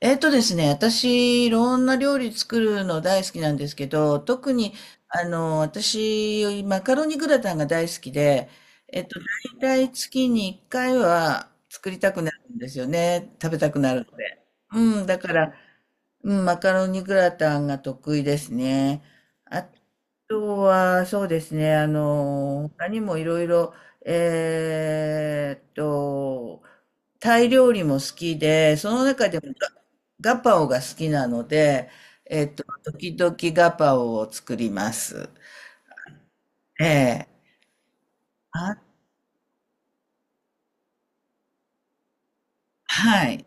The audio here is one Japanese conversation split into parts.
えっとですね、私、いろんな料理作るの大好きなんですけど、特に、私、マカロニグラタンが大好きで、えっと、大体月に1回は作りたくなるんですよね。食べたくなるので。うん、だから、うん、マカロニグラタンが得意ですね。あとは、そうですね、他にもいろいろ、えーっと、タイ料理も好きで、その中でもガパオが好きなので、時々ガパオを作ります。ええ。あ、はい。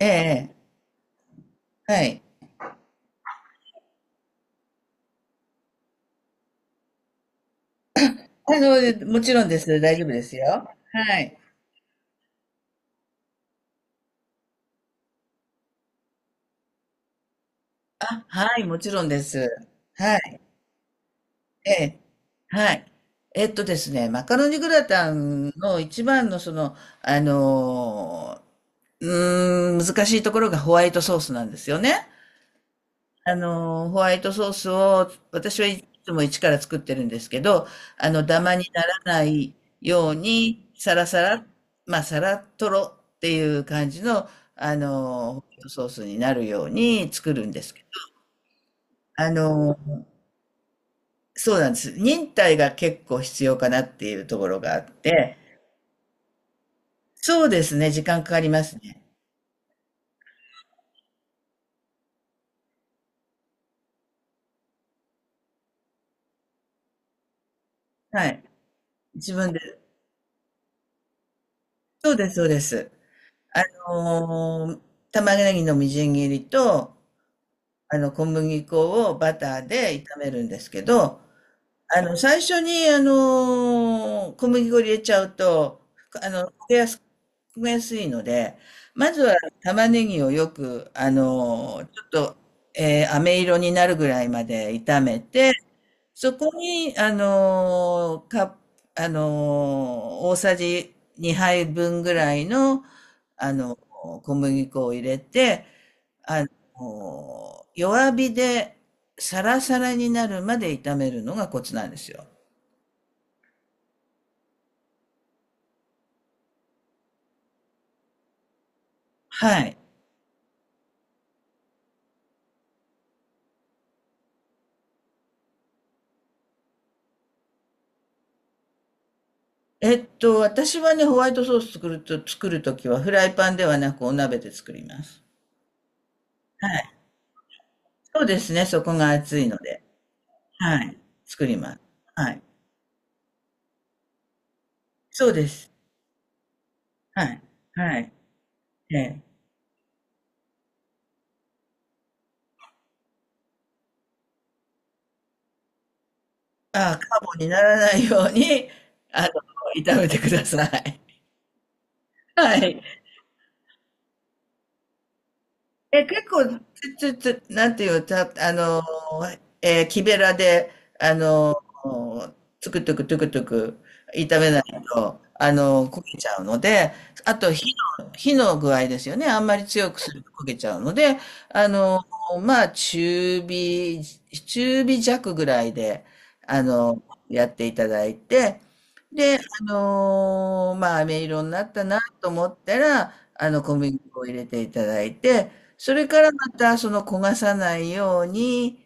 ええ、はい。もちろんです。大丈夫ですよ。はい。あ、はい、もちろんです。はい。ええ。はい。えっとですね、マカロニグラタンの一番のその、あの、難しいところがホワイトソースなんですよね。ホワイトソースを、私はいつも一から作ってるんですけど、ダマにならないように、サラサラ、まあ、サラトロっていう感じの、ホワイトソースになるように作るんですけど、あの、そうなんです。忍耐が結構必要かなっていうところがあって、そうですね、時間かかりますね。はい。自分で、そうです、そうです。あのー、玉ねぎのみじん切りと、小麦粉をバターで炒めるんですけど、最初に、小麦粉入れちゃうと、あの、焦げやす、焦げやすいので、まずは玉ねぎをよく、ちょっと、飴色になるぐらいまで炒めて、そこに、あのか、あの大さじ2杯分ぐらいの、小麦粉を入れて、あ弱火でサラサラになるまで炒めるのがコツなんですよ。はい。えっと、私はね、ホワイトソース作ると、作るときはフライパンではなくお鍋で作ります。はい。そうですね、そこが熱いので。はい。作ります。はい。そうです。はい。はい。ええ。ああ、カーボンにならないように、あの、炒めてください。はい。え、結構、つ、つ、つ、なんていう、た、あの、えー木べらで、あの、つくつくつくつく炒めないと、焦げちゃうので、あと火の具合ですよね。あんまり強くすると焦げちゃうので、あの、まあ、中火弱ぐらいで、あの、やっていただいて、で、まあ、飴色になったなと思ったら、小麦粉を入れていただいて、それからまたその焦がさないように、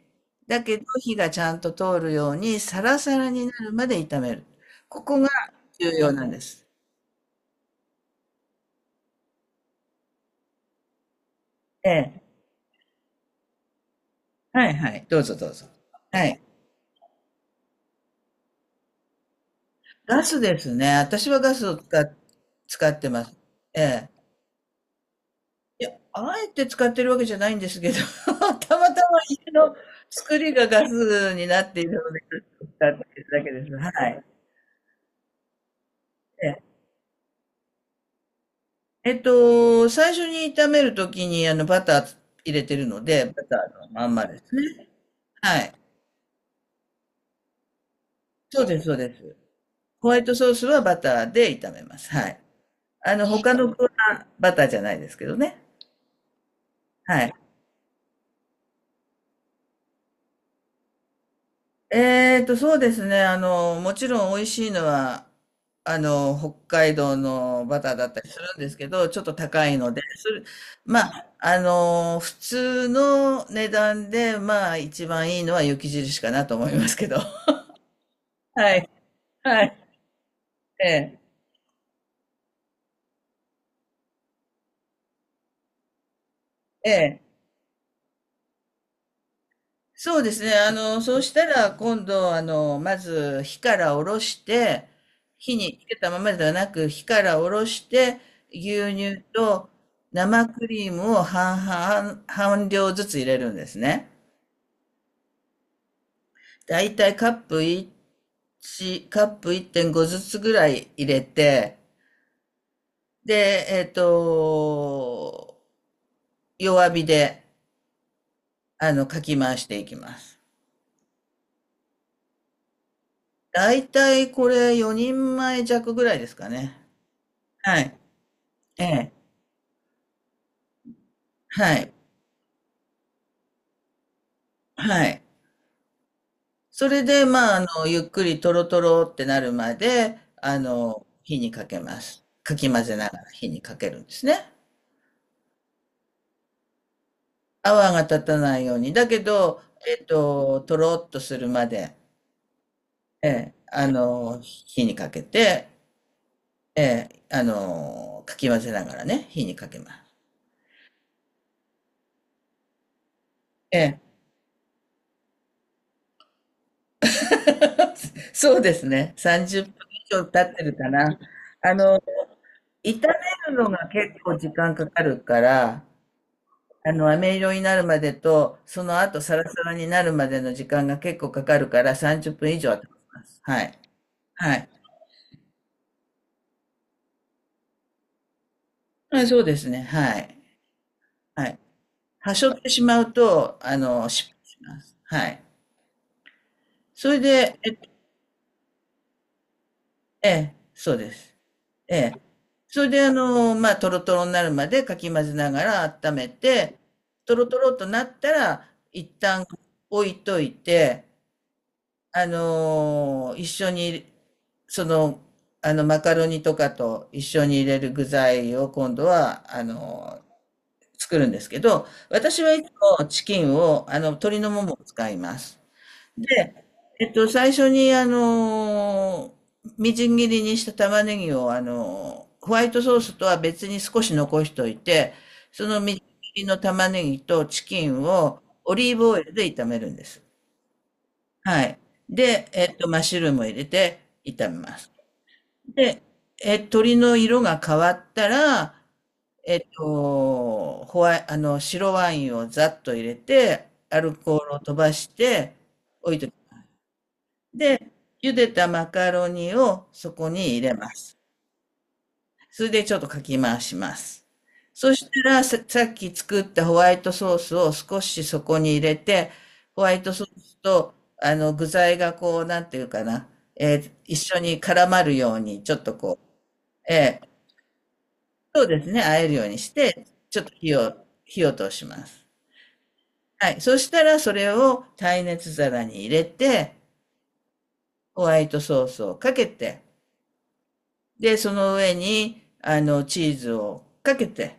だけど火がちゃんと通るようにサラサラになるまで炒める。ここが重要なんです。ええ。はいはい。どうぞどうぞ。はい。ガスですね。私はガスを使っ、使ってます。ええ。いや、あえて使ってるわけじゃないんですけど、たまたま家の作りがガスになっているので、使ってるだけです。はい。えっと、最初に炒めるときにバター入れてるので、バターのまんまですね。はい。そうです、そうです。ホワイトソースはバターで炒めます。はい。あの、他の具はバターじゃないですけどね。はい。えっと、そうですね。もちろん美味しいのは、北海道のバターだったりするんですけど、ちょっと高いので、それ、まあ、普通の値段で、まあ、一番いいのは雪印かなと思いますけど。はい。はい。ええ、ええ。そうですね。そうしたら、今度、まず、火から下ろして、火につけたままではなく、火から下ろして、牛乳と生クリームを半量ずつ入れるんですね。だいたいカップ1、カップ1.5ずつぐらい入れて、で、えっと、弱火で、かき回していきます。だいたいこれ4人前弱ぐらいですかね。はい。ええ。はい。はい。それで、まあ、ゆっくりとろとろってなるまで、火にかけます。かき混ぜながら火にかけるんですね。泡が立たないように。だけど、えっと、とろっとするまで、ええ、火にかけて、ええ、かき混ぜながらね、火にかけます。ええ。そうですね。30分以上経ってるかな。あの、炒めるのが結構時間かかるから、飴色になるまでと、その後サラサラになるまでの時間が結構かかるから30分以上は経ちます。はい。はい。はい、そうですね。はい。はい。端折ってしまうと、失敗します。はい。それで、えっと、ええ、そうです。ええ。それで、まあ、トロトロになるまでかき混ぜながら温めて、トロトロとなったら、一旦置いといて、あの一緒に、その、マカロニとかと一緒に入れる具材を今度は、作るんですけど、私はいつもチキンを、鶏のももを使います。で、えっと、最初に、みじん切りにした玉ねぎを、ホワイトソースとは別に少し残しておいて、そのみじん切りの玉ねぎとチキンをオリーブオイルで炒めるんです。はい。で、えっと、マッシュルームを入れて炒めます。で、え、鶏の色が変わったら、えっと、ホワイ、あの、白ワインをざっと入れて、アルコールを飛ばしておで、茹でたマカロニをそこに入れます。それでちょっとかき回します。そしたら、さっき作ったホワイトソースを少しそこに入れて、ホワイトソースと、具材がこう、なんていうかな、一緒に絡まるように、ちょっとこう、えーそうですね、和えるようにして、ちょっと火を、火を通します。はい。そしたら、それを耐熱皿に入れて、ホワイトソースをかけて、で、その上に、チーズをかけて、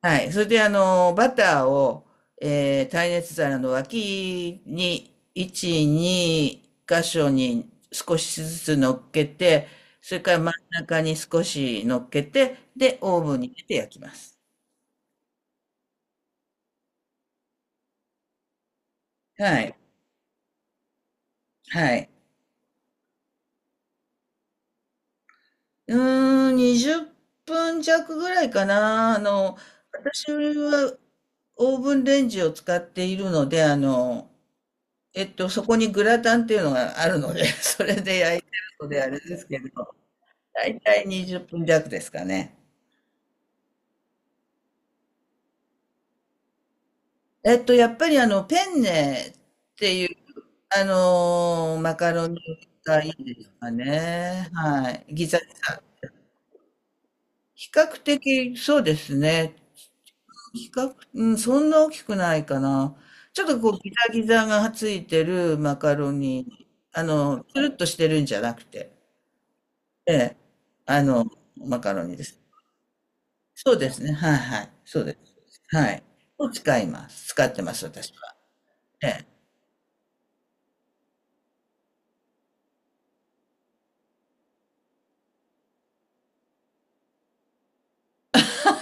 はい。それで、バターを、耐熱皿の脇に、1、2箇所に少しずつ乗っけて、それから真ん中に少し乗っけて、で、オーブンに入れて焼きます。はい。はい。うーん、20分弱ぐらいかな。私はオーブンレンジを使っているので、そこにグラタンっていうのがあるので、それで焼いてるのであれですけど、大体20分弱ですかね。えっと、やっぱりペンネっていう、マカロニがいいですかね。はい。ギザギザ。比較的、そうですね。うん、そんな大きくないかな。ちょっとこう、ギザギザがついてるマカロニ、つるっとしてるんじゃなくて、ええ、あの、マカロニです。そうですね。はいはい。そうです。はい。を使います。使ってます、私は。ええ。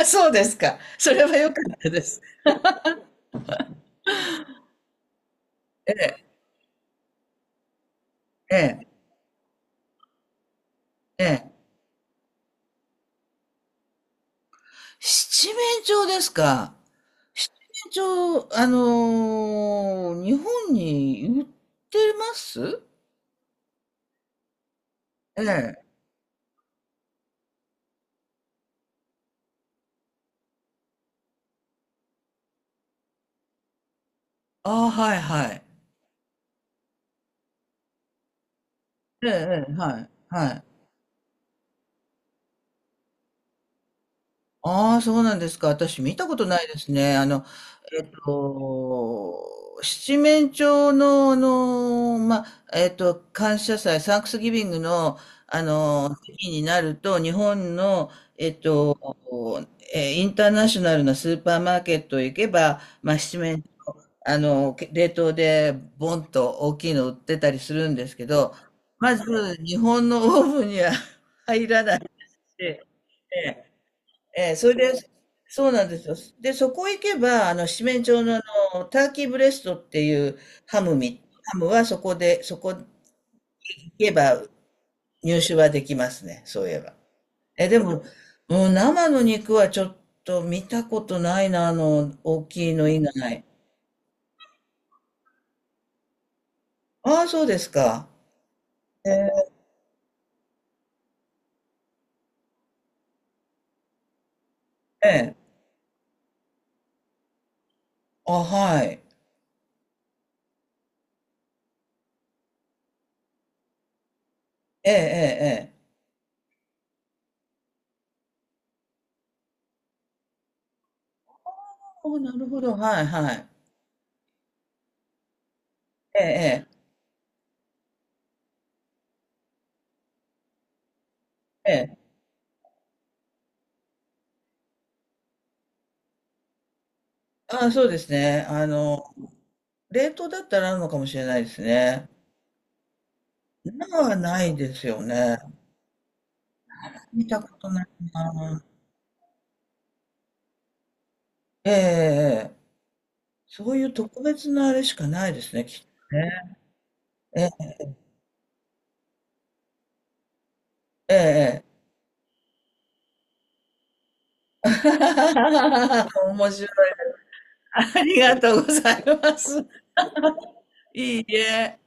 あ、そうですか。それは良かったです。ええ、ええ、ええ。七面鳥ですか。七面鳥、日本に売ってますええ。ああ、はいはい。ええ、ええ、はい、はい。ああ、そうなんですか。私見たことないですね。あの、えっと、七面鳥の、まあ、えっと、感謝祭、サンクスギビングの、時期になると、日本の、えっと、インターナショナルなスーパーマーケットへ行けば、まあ、七面、あの、冷凍でボンと大きいの売ってたりするんですけど、まず、日本のオーブンには 入らないし、ええええ、それで、そうなんですよ。で、そこ行けば、七面鳥の、ターキーブレストっていうハムみ、ハムはそこで、そこ行けば入手はできますね、そういえば。え、でも、うん、生の肉はちょっと見たことないな、大きいの以外。ああ、そうですか。ええ、ええあ、はい。ええ、ええ、ええ。ああ、なるほど、はい、はい。ええ、ええ、ええ。ああ、そうですね。冷凍だったらあるのかもしれないですね。なはないですよね。見たことないな。ええええええそういう特別なあれしかないですね、きっとね。ええええええ 面白い。ありがとうございます。いいえ。